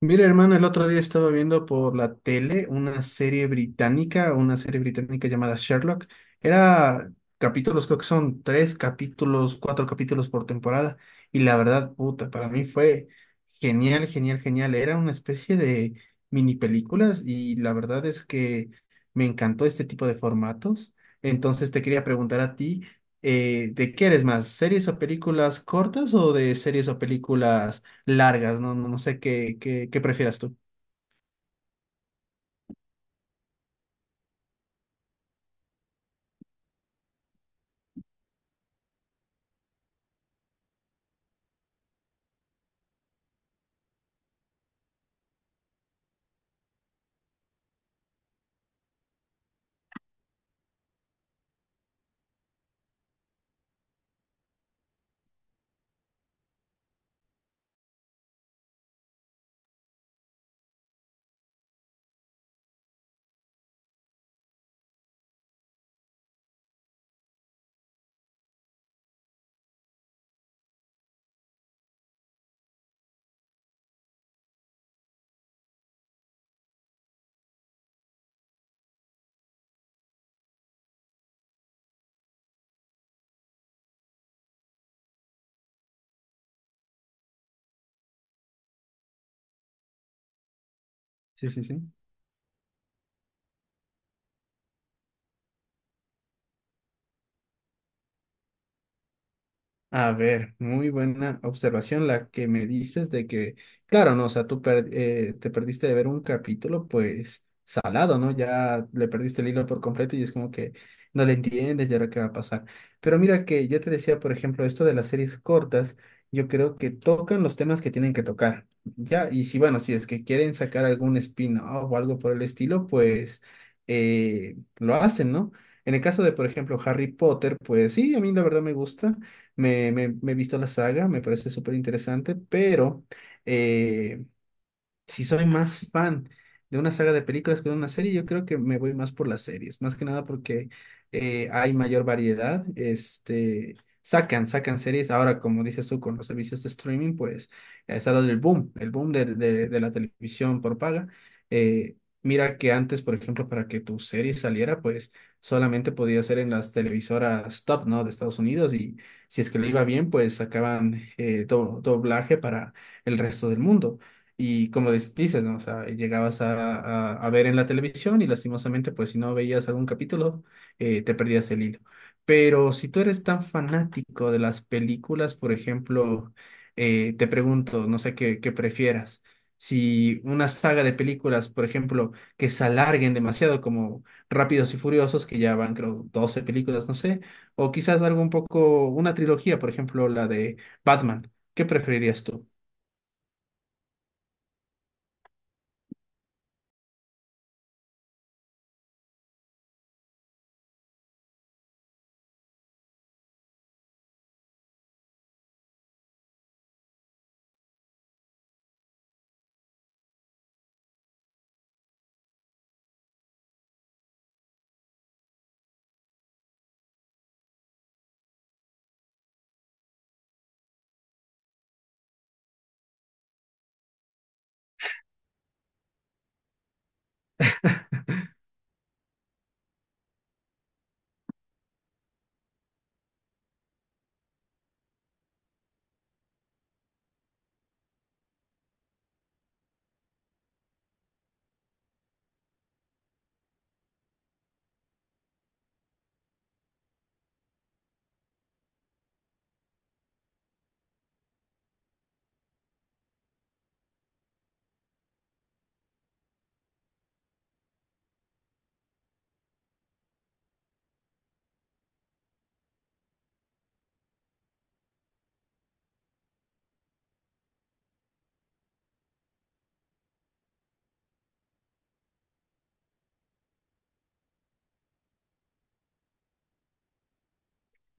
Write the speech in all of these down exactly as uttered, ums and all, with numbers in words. Mira, hermano, el otro día estaba viendo por la tele una serie británica, una serie británica llamada Sherlock. Era Capítulos, creo que son tres capítulos, cuatro capítulos por temporada. Y la verdad, puta, para mí fue genial, genial, genial. Era una especie de mini películas y la verdad es que me encantó este tipo de formatos. Entonces te quería preguntar a ti, eh, ¿de qué eres más? ¿Series o películas cortas o de series o películas largas? ¿No? No, no sé qué, qué, qué prefieras tú. Sí, sí, sí. A ver, muy buena observación la que me dices de que, claro, no, o sea, tú per- eh, te perdiste de ver un capítulo, pues salado, ¿no? Ya le perdiste el hilo por completo y es como que no le entiendes y ahora qué va a pasar. Pero mira que yo te decía, por ejemplo, esto de las series cortas, yo creo que tocan los temas que tienen que tocar, ¿ya? Y si, bueno, si es que quieren sacar algún spin-off o algo por el estilo, pues eh, lo hacen, ¿no? En el caso de, por ejemplo, Harry Potter, pues sí, a mí la verdad me gusta. Me, me- me he visto la saga, me parece súper interesante, pero eh, si soy más fan de una saga de películas que de una serie, yo creo que me voy más por las series, más que nada porque eh, hay mayor variedad, este, sacan, sacan series, ahora como dices tú con los servicios de streaming, pues eh, se ha dado el boom, el boom de, de- de la televisión por paga. Eh, Mira que antes, por ejemplo, para que tu serie saliera, pues solamente podía ser en las televisoras top, ¿no? De Estados Unidos y si es que le iba bien, pues sacaban eh, do- doblaje para el resto del mundo. Y como des- dices, ¿no? O sea, llegabas a, a- a ver en la televisión y lastimosamente, pues si no veías algún capítulo, eh, te perdías el hilo. Pero si tú eres tan fanático de las películas, por ejemplo, eh, te pregunto, no sé qué, qué prefieras. Si una saga de películas, por ejemplo, que se alarguen demasiado, como Rápidos y Furiosos, que ya van, creo, doce películas, no sé, o quizás algo un poco, una trilogía, por ejemplo, la de Batman, ¿qué preferirías tú?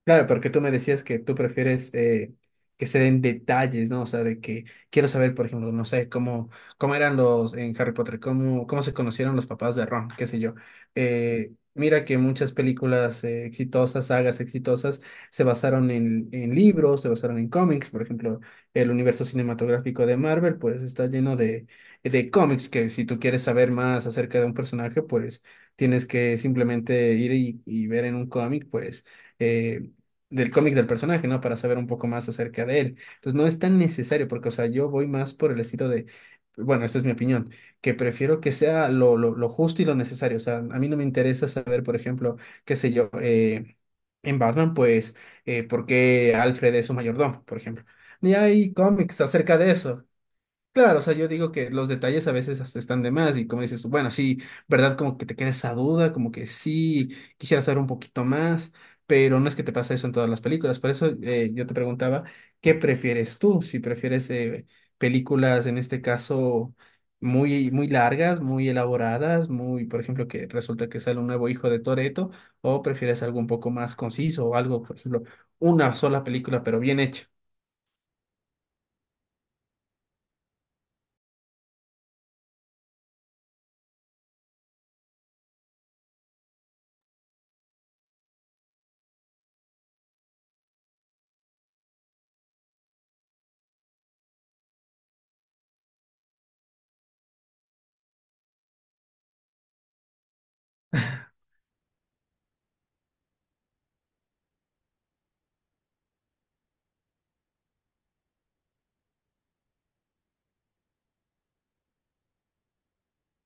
Claro, porque tú me decías que tú prefieres eh, que se den detalles, ¿no? O sea, de que quiero saber, por ejemplo, no sé, cómo, cómo eran los en Harry Potter, cómo, cómo se conocieron los papás de Ron, qué sé yo. Eh, mira que muchas películas eh, exitosas, sagas exitosas, se basaron en, en libros, se basaron en cómics, por ejemplo, el universo cinematográfico de Marvel, pues está lleno de, de cómics que si tú quieres saber más acerca de un personaje, pues tienes que simplemente ir y, y ver en un cómic, pues, eh, del cómic del personaje, ¿no? Para saber un poco más acerca de él. Entonces, no es tan necesario porque, o sea, yo voy más por el estilo de, bueno, esta es mi opinión, que prefiero que sea lo, lo, lo justo y lo necesario. O sea, a mí no me interesa saber, por ejemplo, qué sé yo, eh, en Batman, pues, eh, por qué Alfred es su mayordomo, por ejemplo. Ni hay cómics acerca de eso. Claro, o sea, yo digo que los detalles a veces hasta están de más y como dices tú, bueno, sí, ¿verdad? Como que te queda esa duda, como que sí, quisiera saber un poquito más, pero no es que te pasa eso en todas las películas. Por eso eh, yo te preguntaba, ¿qué prefieres tú? Si prefieres eh, películas, en este caso, muy, muy largas, muy elaboradas, muy, por ejemplo, que resulta que sale un nuevo hijo de Toreto, o prefieres algo un poco más conciso o algo, por ejemplo, una sola película, pero bien hecha.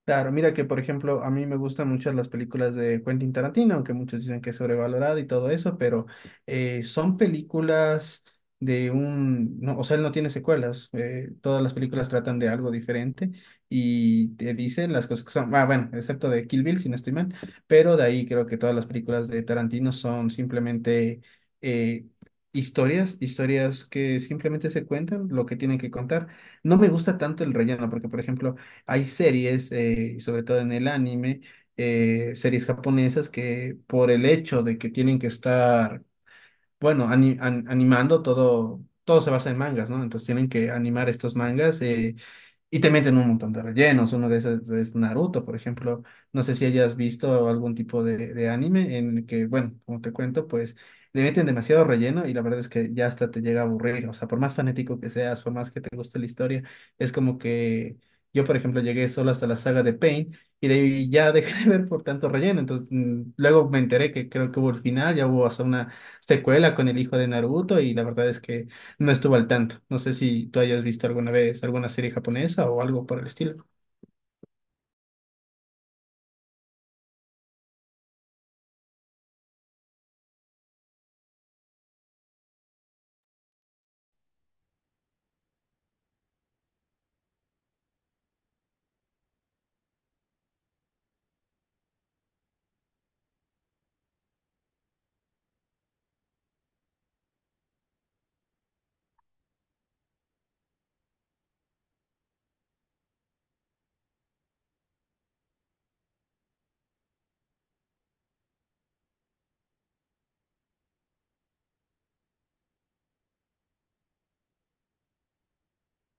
Claro, mira que por ejemplo a mí me gustan mucho las películas de Quentin Tarantino, aunque muchos dicen que es sobrevalorado y todo eso, pero eh, son películas de un, no, o sea, él no tiene secuelas, eh, todas las películas tratan de algo diferente y te dicen las cosas que son, ah, bueno, excepto de Kill Bill, si no estoy mal, pero de ahí creo que todas las películas de Tarantino son simplemente eh, historias, historias que simplemente se cuentan lo que tienen que contar. No me gusta tanto el relleno, porque por ejemplo hay series, eh, y sobre todo en el anime, eh, series japonesas que por el hecho de que tienen que estar, bueno, ani- an- animando todo, todo se basa en mangas, ¿no? Entonces tienen que animar estos mangas. Eh, y te meten un montón de rellenos. Uno de esos es Naruto, por ejemplo. No sé si hayas visto algún tipo de, de anime en el que, bueno, como te cuento, pues le meten demasiado relleno y la verdad es que ya hasta te llega a aburrir. O sea, por más fanático que seas, por más que te guste la historia, es como que yo, por ejemplo, llegué solo hasta la saga de Pain y de ahí ya dejé de ver por tanto relleno. Entonces, mm, luego me enteré que creo que hubo el final, ya hubo hasta una secuela con el hijo de Naruto y la verdad es que no estuve al tanto. No sé si tú hayas visto alguna vez alguna serie japonesa o algo por el estilo.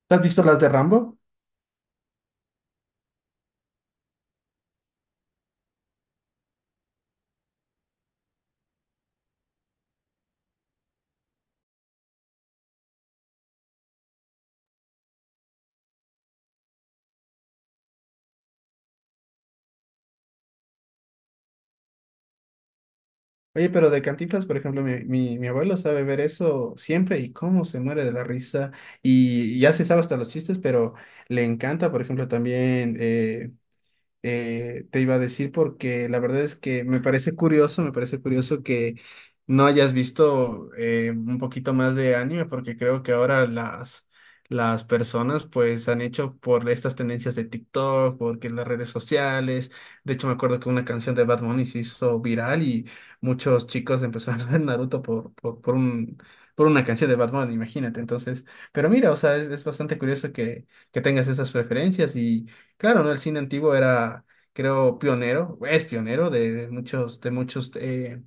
¿Tú ¿Has visto las de Rambo? Oye, pero de Cantinflas, por ejemplo, mi, mi, mi abuelo sabe ver eso siempre y cómo se muere de la risa. Y ya se sabe hasta los chistes, pero le encanta, por ejemplo, también eh, eh, te iba a decir porque la verdad es que me parece curioso, me parece curioso que no hayas visto eh, un poquito más de anime porque creo que ahora las, las personas pues han hecho por estas tendencias de TikTok, porque las redes sociales, de hecho me acuerdo que una canción de Bad Bunny se hizo viral y muchos chicos empezaron a ver Naruto por, por, por un... por una canción de Bad Bunny, imagínate. Entonces, pero mira, o sea, es, es bastante curioso que, que tengas esas preferencias y claro, ¿no? El cine antiguo era, creo, pionero, es pionero de, de muchos, de muchos eh,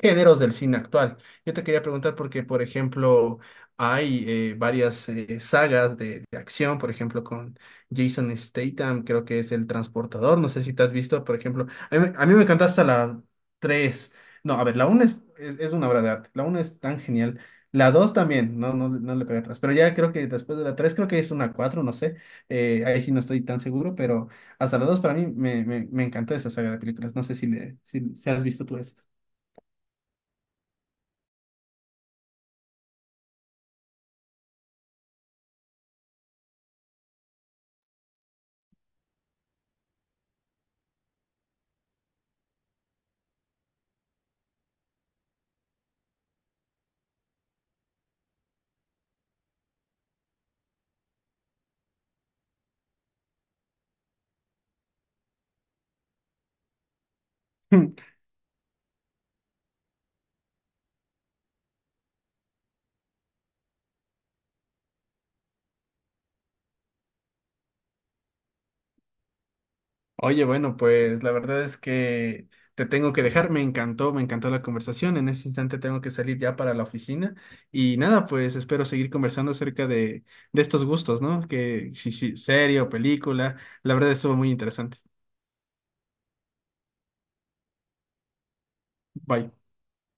géneros del cine actual. Yo te quería preguntar porque, por ejemplo, hay eh, varias eh, sagas de, de acción, por ejemplo, con Jason Statham, creo que es El Transportador, no sé si te has visto, por ejemplo, a mí, me a mí me encanta hasta la tres, no, a ver, la una es, es, es una obra de arte, la una es tan genial, la dos también, no, no, no le pega atrás, pero ya creo que después de la tres creo que es una cuatro, no sé. Eh, ahí sí no estoy tan seguro, pero hasta las dos para mí me, me, me encanta esa saga de películas. No sé si, le, si, si has visto tú esas. Oye, bueno, pues la verdad es que te tengo que dejar. Me encantó, me encantó la conversación. En este instante tengo que salir ya para la oficina. Y nada, pues espero seguir conversando acerca de, de estos gustos, ¿no? Que si, si, serie o película. La verdad estuvo muy interesante. Bye.